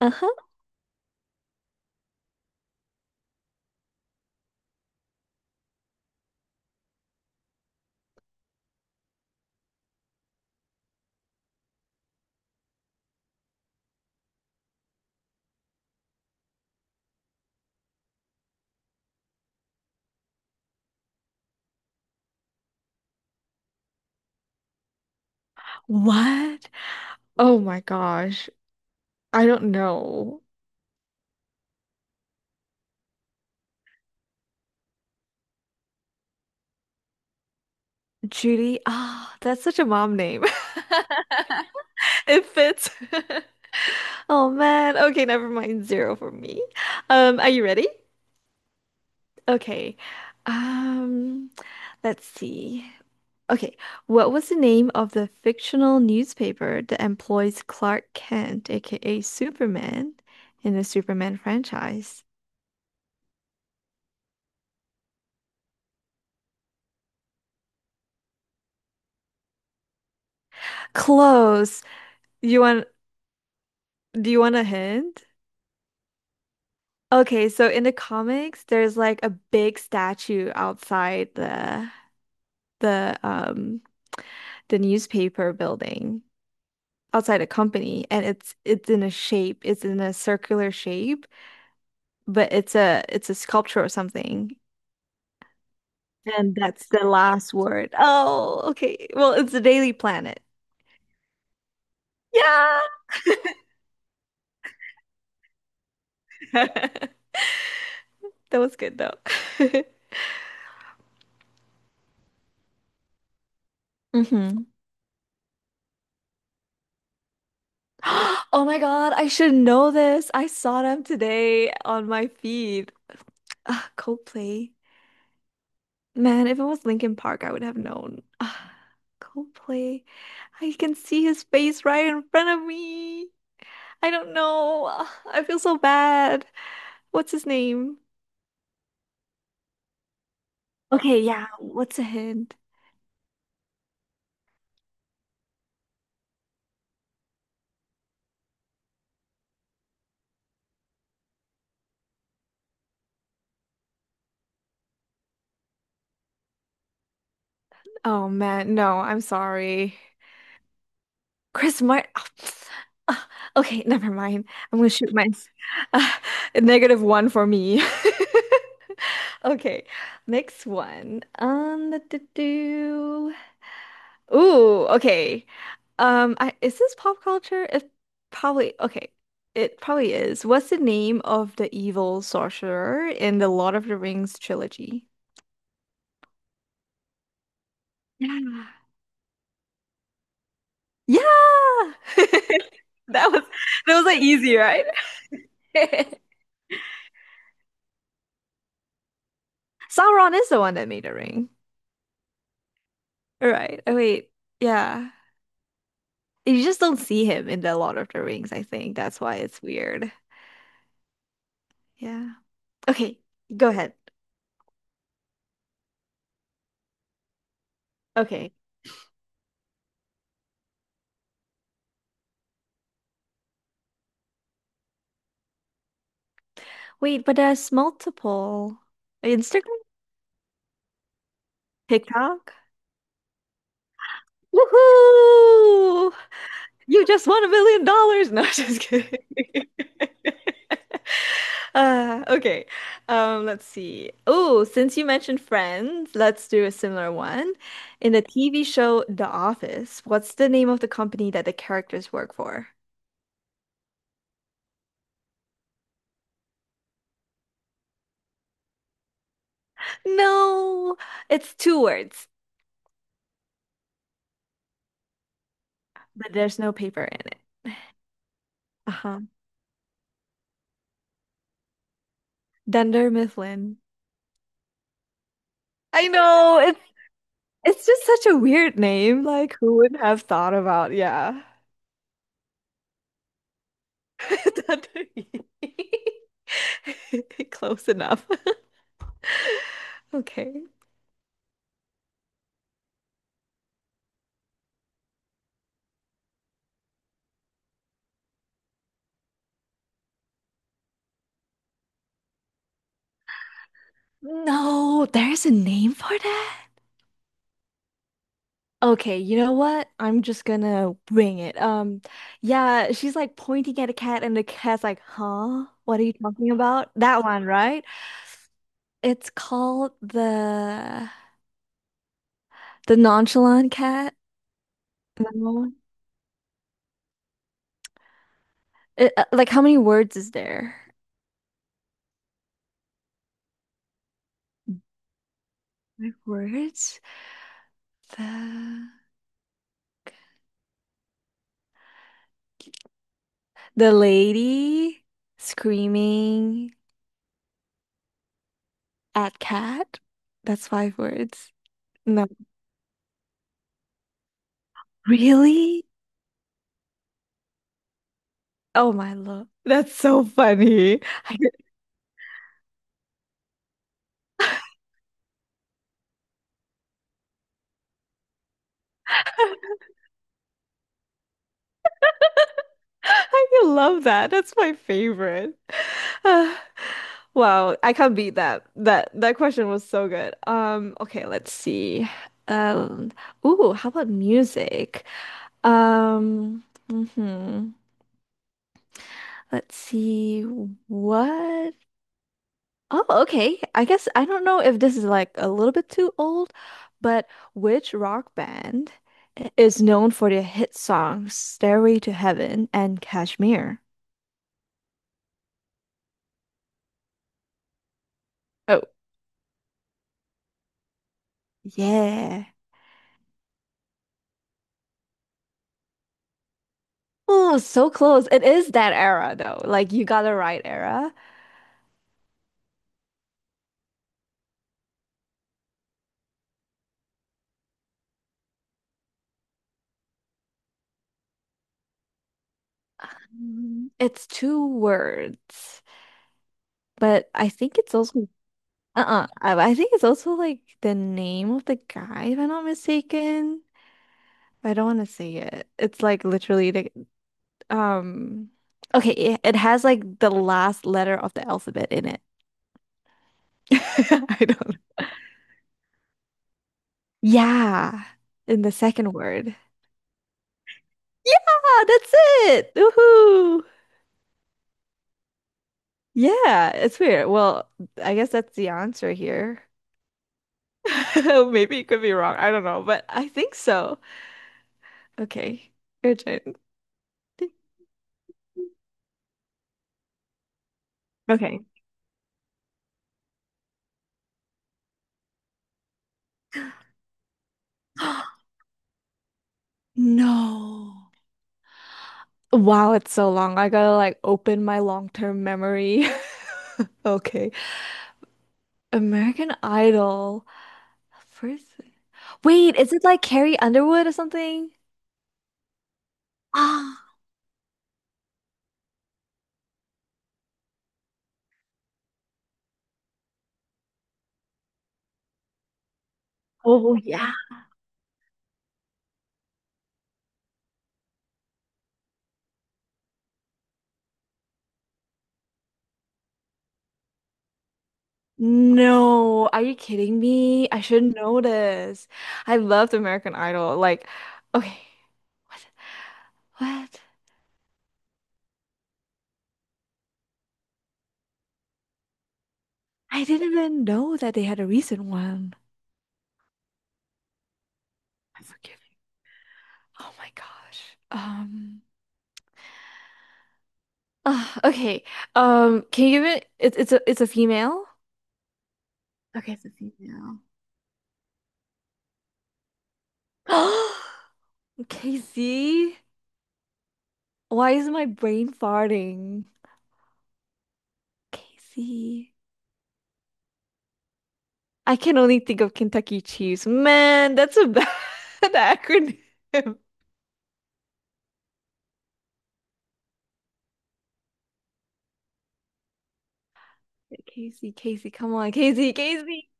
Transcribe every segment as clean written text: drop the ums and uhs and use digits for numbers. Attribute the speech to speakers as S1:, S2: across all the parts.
S1: Uh-huh. What? Oh my gosh. I don't know. Judy. Ah, that's such a mom name. It fits. Oh man. Okay, never mind. Zero for me. Are you ready? Okay. Um, let's see. Okay. What was the name of the fictional newspaper that employs Clark Kent, aka Superman, in the Superman franchise? Close. You want Do you want a hint? Okay, so in the comics, there's like a big statue outside the the newspaper building outside a company, and it's in a shape, it's in a circular shape, but it's a sculpture or something, and that's the last word. Oh, okay. Well, it's the Daily Planet. Yeah, that was good though. hmm Oh my God, I should know this. I saw them today on my feed. Ah, Coldplay. Man, if it was Linkin Park, I would have known. Ah, Coldplay. I can see his face right in front of me. I don't know. Ah, I feel so bad. What's his name? Okay, yeah, what's a hint? Oh man, no, I'm sorry. Chris Martin. Okay, never mind. I'm gonna shoot my negative one for me. Okay, next one. Do. Do. Ooh, okay. Is this pop culture? It probably okay. It probably is. What's the name of the evil sorcerer in the Lord of the Rings trilogy? Yeah. Yeah. That was that was like easy, right? Sauron is the one that made the ring. Right. Oh wait. Yeah. You just don't see him in the Lord of the Rings, I think. That's why it's weird. Yeah. Okay, go ahead. Okay. Wait, but there's multiple. Instagram, TikTok. Woohoo! You just won $1 million. No, just kidding. Okay. Let's see. Oh, since you mentioned Friends, let's do a similar one. In the TV show The Office, what's the name of the company that the characters work for? No, it's two words, but there's no paper in it. Uh-huh. Dunder Mifflin. I know it's just such a weird name. Like, who would have thought about? Yeah, Dunderee. Close enough. Okay. No, there's a name for that. Okay, you know what? I'm just gonna wing it. Yeah, she's like pointing at a cat, and the cat's like, "Huh? What are you talking about?" That one, right? It's called the nonchalant cat. No. It, like, how many words is there? My words. The the lady screaming at cat. That's five words. No, really? Oh my lord, that's so funny. I I love that. That's my favorite. Ah, wow, I can't beat that. That question was so good. Okay, let's see. Um, ooh, how about music? Um, mhm. Let's see what Oh, okay. I guess I don't know if this is like a little bit too old, but which rock band is known for their hit songs Stairway to Heaven and Kashmir? Oh, yeah. Oh, so close. It is that era though. Like you got it right era. It's two words, but I think it's also uh-uh. I think it's also like the name of the guy, if I'm not mistaken. I don't want to say it. It's like literally the Um, okay, it has like the last letter of the alphabet in it. I don't know. Yeah, in the second word. Yeah, that's it. Woohoo. Yeah, it's weird. Well, I guess that's the answer here. Maybe it could be wrong. I don't know, but I think so. Okay, your turn. Okay. No. Wow, it's so long. I gotta like open my long-term memory. Okay. American Idol. Person. Wait, is it like Carrie Underwood or something? Ah, oh yeah. No, are you kidding me? I should know this. I loved American Idol. Like, okay, what? What? I didn't even know that they had a recent one. I forgive you. Oh my gosh. Okay. Can you give it? It's a female. Okay, it's a female. Casey, why is my brain farting? Casey, I can only think of Kentucky Chiefs. Man, that's a bad acronym. Casey, Casey, come on, Casey, Casey.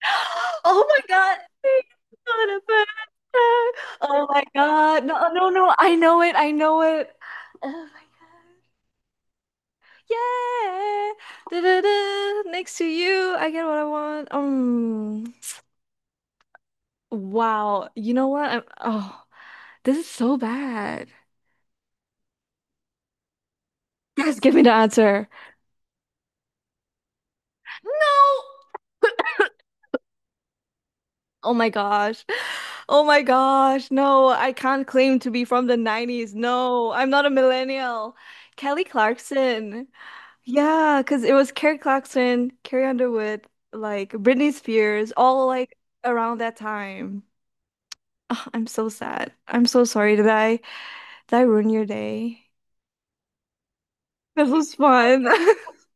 S1: Oh my God. It's not a bad time. Oh my God. No, no, no. I know it. I know it. Oh my God. Yeah. Da-da-da. Next to you. I get what I want. Wow. You know what? Oh, this is so bad. Yes, give me the answer. No. Oh my gosh. Oh my gosh. No, I can't claim to be from the 90s. No, I'm not a millennial. Kelly Clarkson. Yeah, because it was Kelly Clarkson, Carrie Underwood, like Britney Spears, all like around that time. Ugh, I'm so sad. I'm so sorry. Did I ruin your day? This was fun.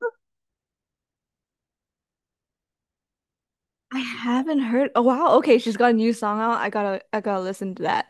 S1: I haven't heard. Oh wow. Okay, she's got a new song out. I gotta listen to that.